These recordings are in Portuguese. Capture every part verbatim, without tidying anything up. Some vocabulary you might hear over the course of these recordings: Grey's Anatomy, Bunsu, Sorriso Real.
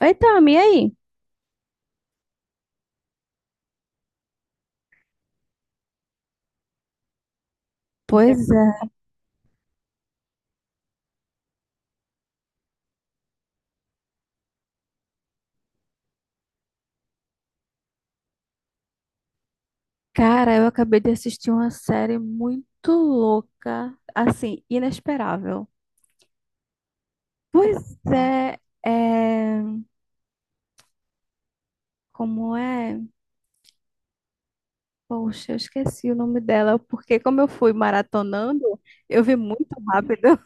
Então, e aí? Pois é. Cara, eu acabei de assistir uma série muito louca, assim, inesperável. Pois é, é... Como é? Poxa, eu esqueci o nome dela, porque como eu fui maratonando, eu vi muito rápido.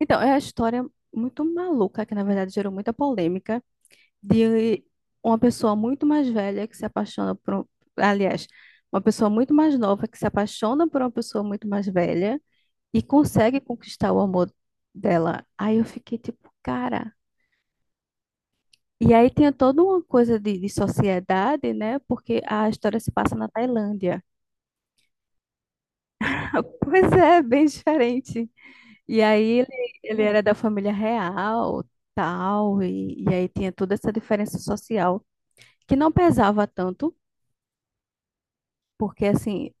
Então, é a história muito maluca, que na verdade gerou muita polêmica, de uma pessoa muito mais velha que se apaixona por... um- Aliás, uma pessoa muito mais nova que se apaixona por uma pessoa muito mais velha e consegue conquistar o amor dela. Aí eu fiquei tipo, cara. E aí tem toda uma coisa de, de sociedade, né? Porque a história se passa na Tailândia. Pois é, bem diferente. E aí ele, ele era da família real, tal, e, e aí tinha toda essa diferença social que não pesava tanto, porque assim,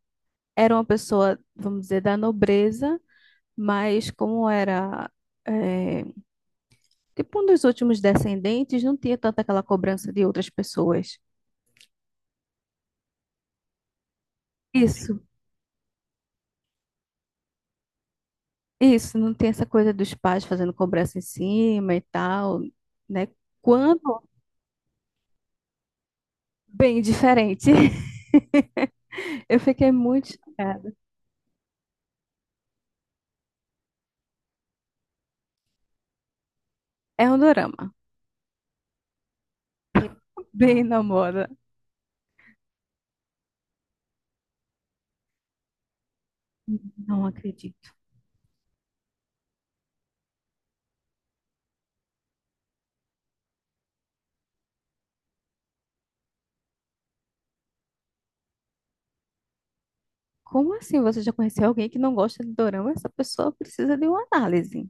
era uma pessoa, vamos dizer, da nobreza, mas como era, eh, tipo, um dos últimos descendentes, não tinha tanta aquela cobrança de outras pessoas. Isso, isso, não tem essa coisa dos pais fazendo cobrança em cima e tal, né? Quando, bem diferente. Eu fiquei muito chocada. É um dorama. Bem na moda. Não acredito. Como assim você já conheceu alguém que não gosta de dorama? Essa pessoa precisa de uma análise.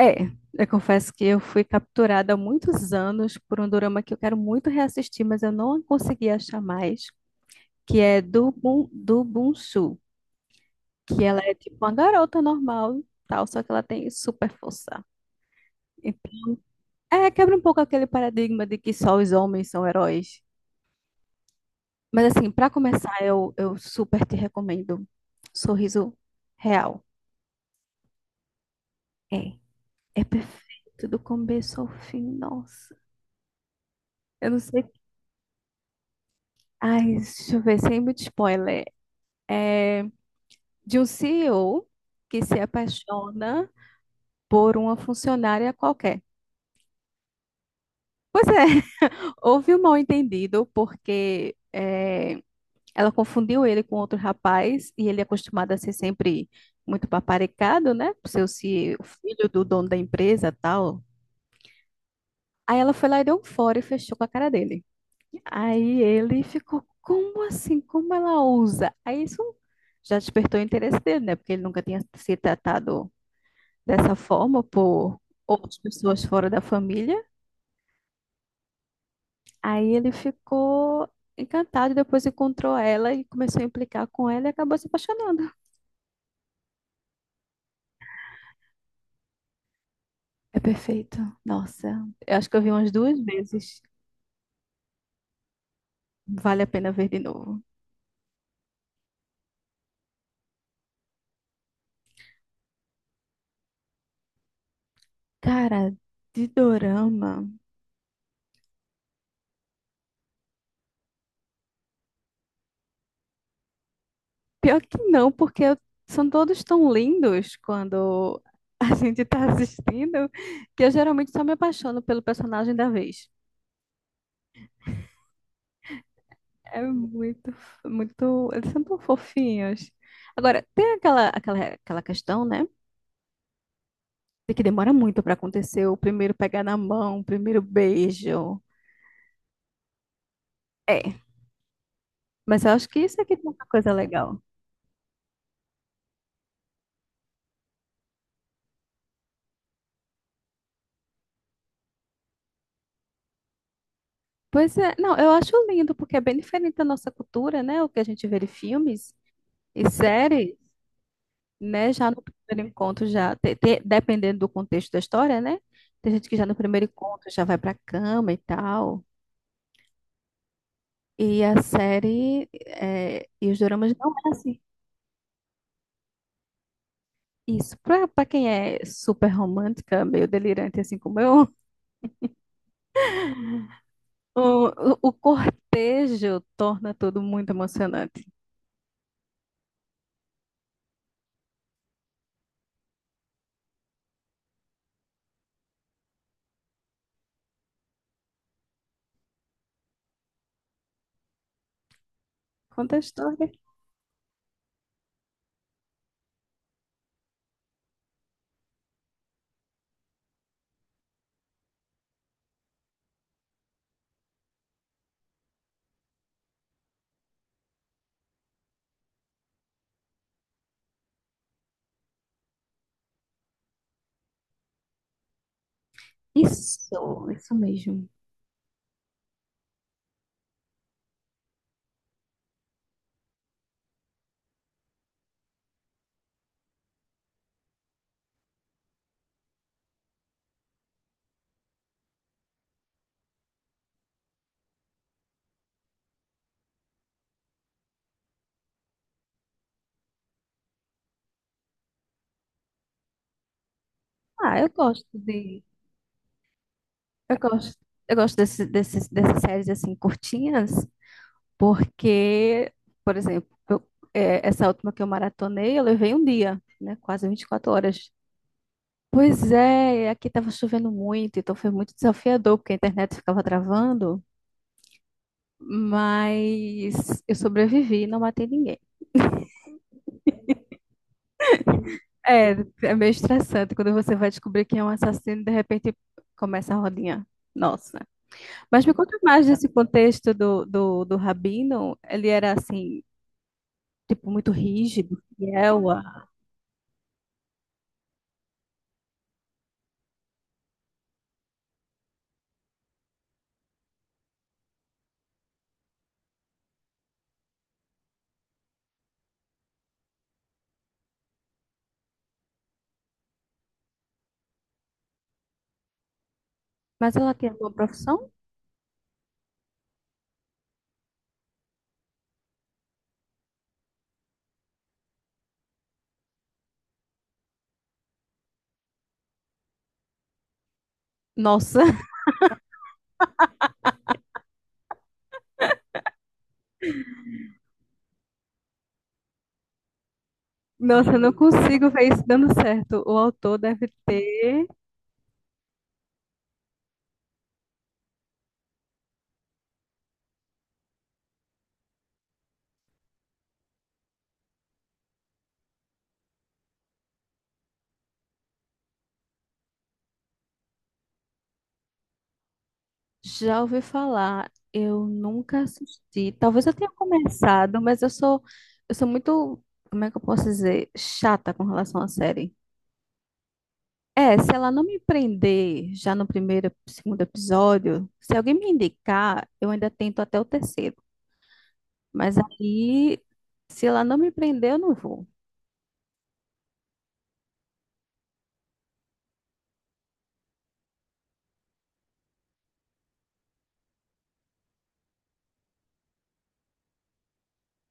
É, eu confesso que eu fui capturada há muitos anos por um dorama que eu quero muito reassistir, mas eu não consegui achar mais. Que é do, Bun- do Bunsu, que ela é tipo uma garota normal, e tal, só que ela tem super força. Então, é, quebra um pouco aquele paradigma de que só os homens são heróis. Mas assim, pra começar, eu, eu super te recomendo Sorriso Real. É, é perfeito do começo ao fim, nossa. Eu não sei. Ai, deixa eu ver, sem muito spoiler. É de um C E O que se apaixona por uma funcionária qualquer. Pois é, houve um mal-entendido porque eh, ela confundiu ele com outro rapaz e ele é acostumado a ser sempre muito paparicado, né? Por ser o ci- o filho do dono da empresa tal. Aí ela foi lá e deu um fora e fechou com a cara dele. Aí ele ficou, como assim? Como ela ousa? Aí isso já despertou o interesse dele, né? Porque ele nunca tinha se tratado dessa forma por outras pessoas fora da família. Aí ele ficou encantado e depois encontrou ela e começou a implicar com ela e acabou se apaixonando. É perfeito. Nossa, eu acho que eu vi umas duas vezes. Vale a pena ver de novo. Cara, de dorama. Pior que não, porque eu- são todos tão lindos quando a gente tá assistindo que eu geralmente só me apaixono pelo personagem da vez. É muito, muito. Eles são tão fofinhos. Agora, tem aquela, aquela, aquela questão, né? Que demora muito pra acontecer o primeiro pegar na mão, o primeiro beijo. É, mas eu acho que isso aqui tem uma coisa legal. Pois é, não, eu acho lindo, porque é bem diferente da nossa cultura, né? O que a gente vê de filmes e séries, né? Já no primeiro encontro, já, te- te- dependendo do contexto da história, né? Tem gente que já no primeiro encontro já vai pra cama e tal. E a série, é, e os doramas não é assim. Isso, pra, pra quem é super romântica, meio delirante assim como eu, O, o o cortejo torna tudo muito emocionante. Conta a história. Isso, isso mesmo. Ah, eu gosto de. Eu gosto, eu gosto desse, desses dessas séries assim curtinhas, porque, por exemplo, eu- é, essa última que eu maratonei, eu levei um dia, né? Quase vinte e quatro horas. Pois é, aqui estava chovendo muito, então foi muito desafiador, porque a internet ficava travando, mas eu sobrevivi, e não matei ninguém. É, é meio estressante quando você vai descobrir quem é um assassino e de repente começa a rodinha. Nossa. Mas me conta mais desse contexto do, do, do Rabino. Ele era assim, tipo, muito rígido, fiel. a- Mas ela tinha uma profissão? Nossa, nossa, eu não consigo ver isso dando certo. O autor deve ter. Já ouvi falar. Eu nunca assisti. Talvez eu tenha começado, mas eu sou, eu sou muito, como é que eu posso dizer? Chata com relação à série. É, se ela não me prender já no primeiro, segundo episódio, se alguém me indicar, eu ainda tento até o terceiro. Mas aí, se ela não me prender, eu não vou.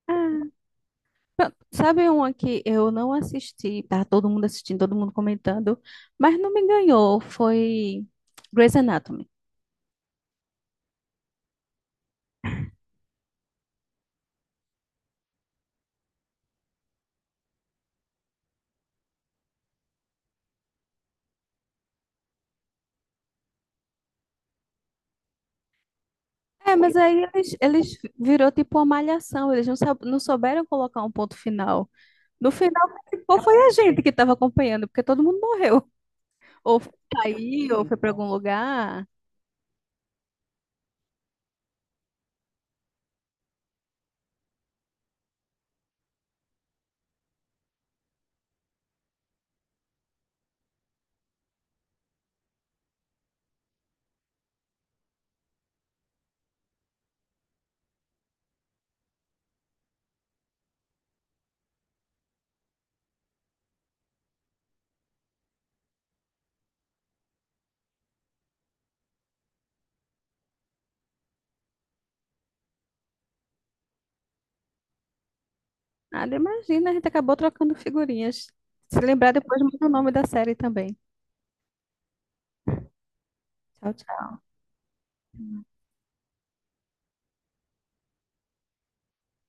Ah, pronto. Sabe uma que eu não assisti, tá todo mundo assistindo, todo mundo comentando, mas não me ganhou, foi Grey's Anatomy. É, mas aí eles, eles virou tipo uma malhação, eles não, sab- não souberam colocar um ponto final. No final, quem ficou foi a gente que estava acompanhando, porque todo mundo morreu. Ou saiu, ou foi para algum lugar. Nada, imagina, a gente acabou trocando figurinhas. Se lembrar, depois manda o nome da série também. Tchau, tchau.